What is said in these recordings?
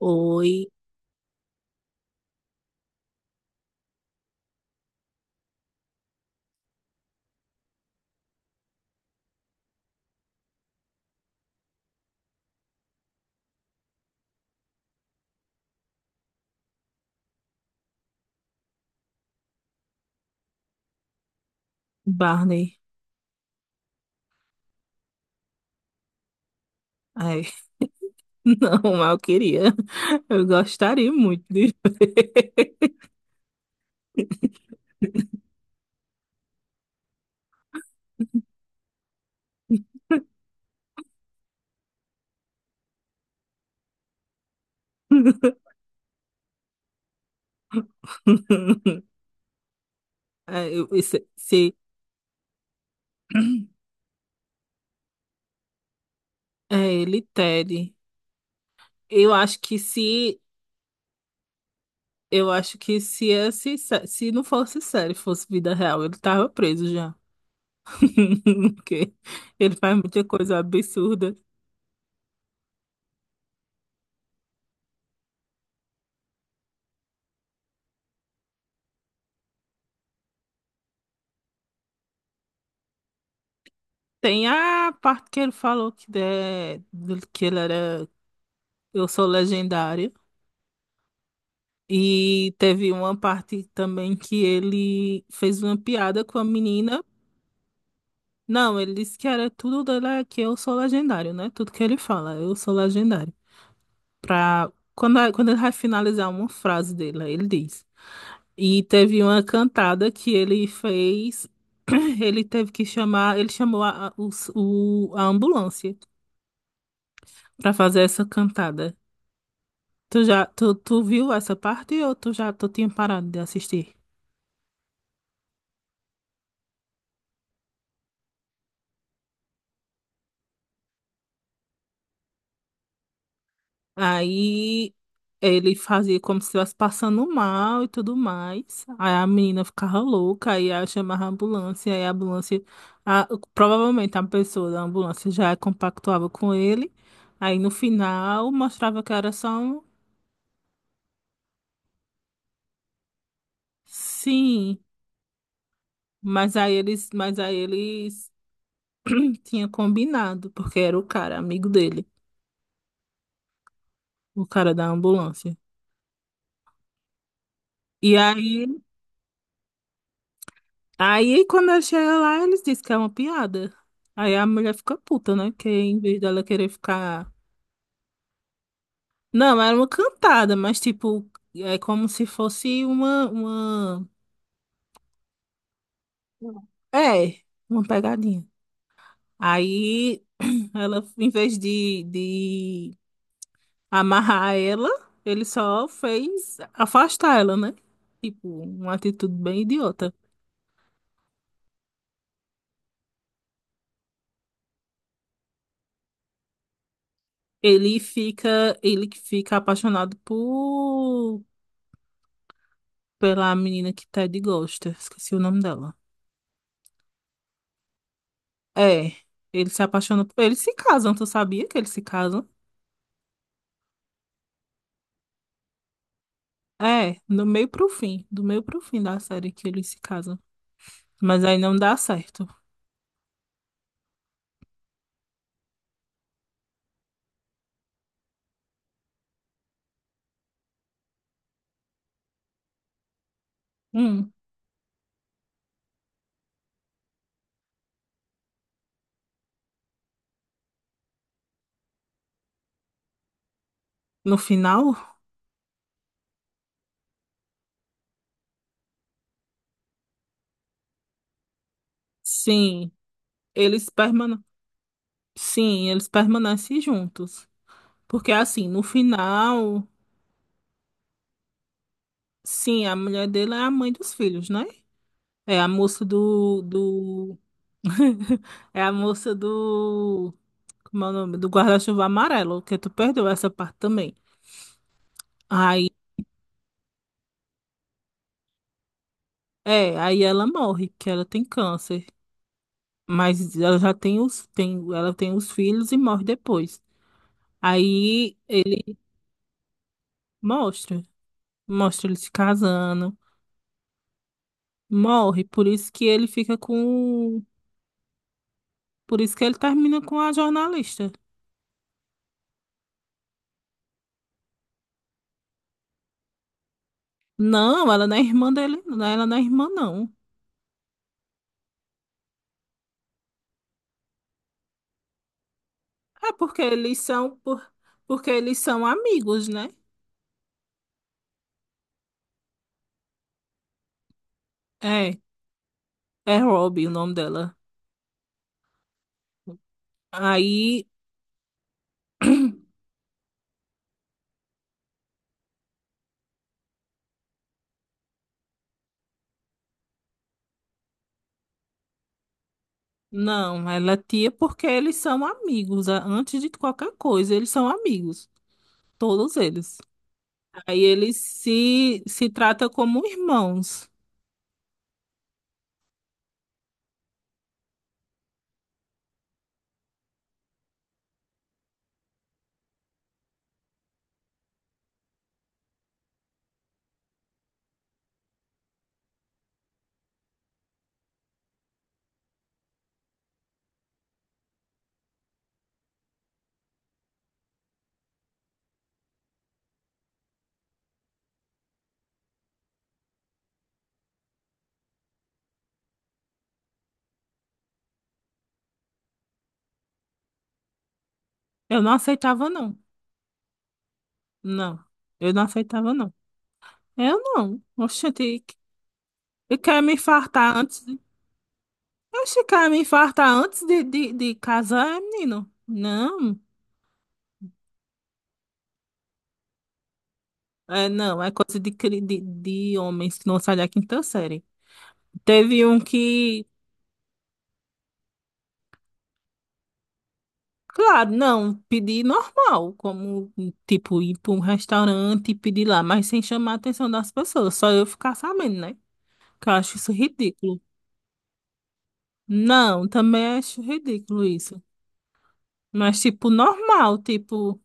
Oi, Barney. Ai, não, mas eu queria. Eu gostaria muito de ver. É, é ele, Ted. Eu acho que se. Eu acho que se, esse, sé- se não fosse série, fosse vida real, ele tava preso já. Porque ele faz muita coisa absurda. Tem a parte que ele falou que ele era. Eu sou legendário. E teve uma parte também que ele fez uma piada com a menina. Não, ele disse que era tudo dela, é que eu sou legendário, né? Tudo que ele fala, eu sou legendário. Quando ele vai finalizar uma frase dele, aí ele diz. E teve uma cantada que ele fez, ele teve que chamar, ele chamou a ambulância pra fazer essa cantada. Tu viu essa parte ou tu tinha parado de assistir? Aí ele fazia como se estivesse passando mal e tudo mais. Aí a menina ficava louca, aí ela chamava a ambulância, aí a ambulância, a- provavelmente a pessoa da ambulância já compactuava com ele. Aí no final mostrava que era só um sim, mas aí eles tinha combinado, porque era o cara, amigo dele, o cara da ambulância. E aí Aí, quando eu cheguei lá, eles disseram que é uma piada. Aí a mulher fica puta, né? Que em vez dela querer ficar. Não, era uma cantada, mas tipo, é como se fosse uma. É, uma pegadinha. Aí ela, em vez de amarrar ela, ele só fez afastar ela, né? Tipo, uma atitude bem idiota. Ele que fica apaixonado por pela menina que Ted gosta. Esqueci o nome dela. É, eles se casam, tu sabia que eles se casam? É, do meio pro fim da série que eles se casam. Mas aí não dá certo. Hum, no final, sim, eles permane sim, eles permanecem juntos. Porque assim, no final, sim, a mulher dele é a mãe dos filhos, né? É a moça do. É a moça do Como é o nome? Do guarda-chuva amarelo, que tu perdeu essa parte também. Aí, aí ela morre, que ela tem câncer. Mas ela já tem os filhos e morre depois. Aí ele mostra, mostra ele se casando, morre, por isso que ele fica com, por isso que ele termina com a jornalista. Não, ela não é irmã dele, não, ela não é irmã não. É porque eles são amigos, né? É, é Robbie o nome dela. Aí, não, ela é tia porque eles são amigos, antes de qualquer coisa, eles são amigos, todos eles. Aí eles se tratam como irmãos. Eu não aceitava, não. Não, eu não aceitava, não. Eu não. Oxente, eu quero me infartar antes. Oxe, quer me infartar antes de casar, é, menino? Não, é, não, é coisa de homens que não saem da quinta série. Teve um que. Claro, não, pedir normal, como tipo ir para um restaurante e pedir lá, mas sem chamar a atenção das pessoas, só eu ficar sabendo, né? Que eu acho isso ridículo. Não, também acho ridículo isso. Mas tipo, normal, tipo,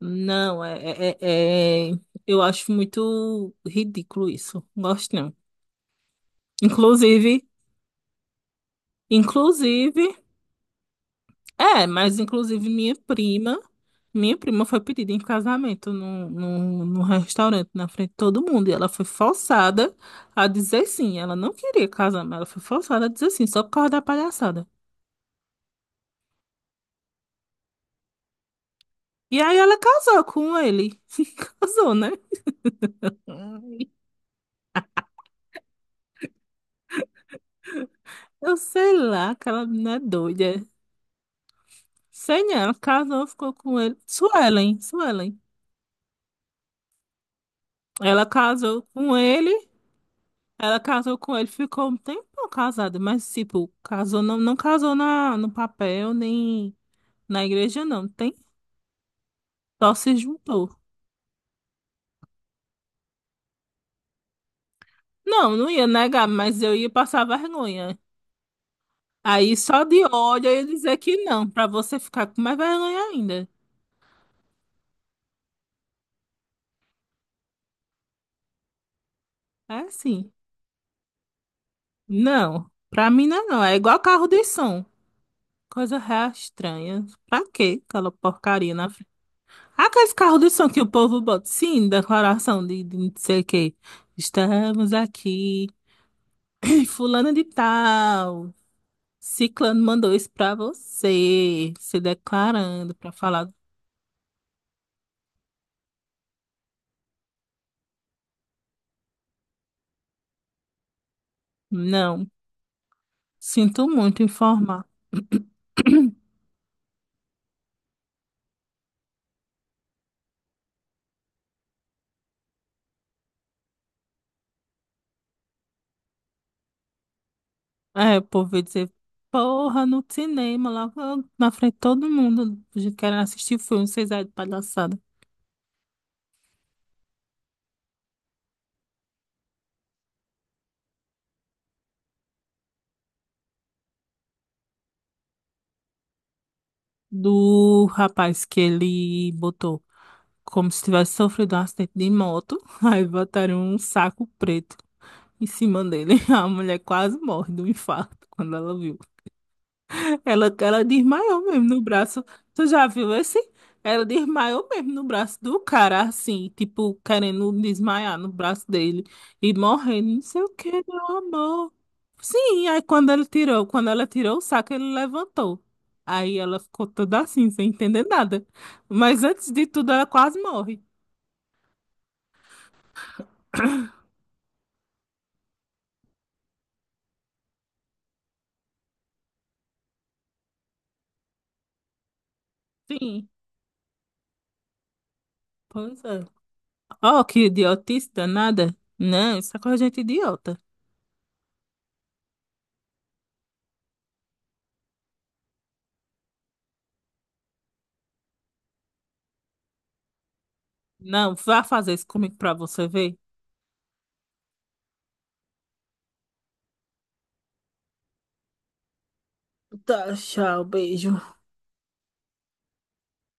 não, eu acho muito ridículo isso. Gosto não. Inclusive, inclusive. É, mas inclusive minha prima foi pedida em casamento num restaurante na frente de todo mundo. E ela foi forçada a dizer sim. Ela não queria casar, mas ela foi forçada a dizer sim, só por causa da palhaçada. E aí ela casou com ele. Casou, né? Ai. Eu sei lá, aquela menina é doida. Sei não, ela casou, ficou com ele. Suelen, Suelen. Ela casou com ele Ela casou com ele, ficou um tempão casada, mas, tipo, casou, não, não casou no papel, nem na igreja, não. Tem? Só se juntou. Não, não ia negar, mas eu ia passar vergonha. Aí só de ódio eu ia dizer que não, pra você ficar com mais vergonha ainda. É assim. Não, pra mim não é não. É igual carro de som. Coisa real estranha. Pra quê aquela porcaria na frente? Aqueles carros de som que o povo bota, sim, declaração de não sei o quê. Estamos aqui. Fulano de tal, Ciclano mandou isso pra você, se declarando pra falar. Não, sinto muito informar. É, o povo ia dizer, porra, no cinema, lá na frente de todo mundo, a gente querendo assistir o filme, vocês aí de palhaçada. Do rapaz que ele botou, como se tivesse sofrido um acidente de moto, aí botaram um saco preto em cima dele. A mulher quase morre do infarto quando ela viu. Ela desmaiou mesmo no braço. Tu já viu esse? Ela desmaiou mesmo no braço do cara, assim, tipo, querendo desmaiar no braço dele e morrendo, não sei o que, meu amor. Sim, aí quando ele tirou, quando ela tirou o saco, ele levantou. Aí ela ficou toda assim, sem entender nada. Mas antes de tudo, ela quase morre. Sim, pois é. Oh, que idiotice danada. Não, isso é coisa de gente idiota. Não, vá fazer isso comigo pra você ver. Tá, tchau, beijo.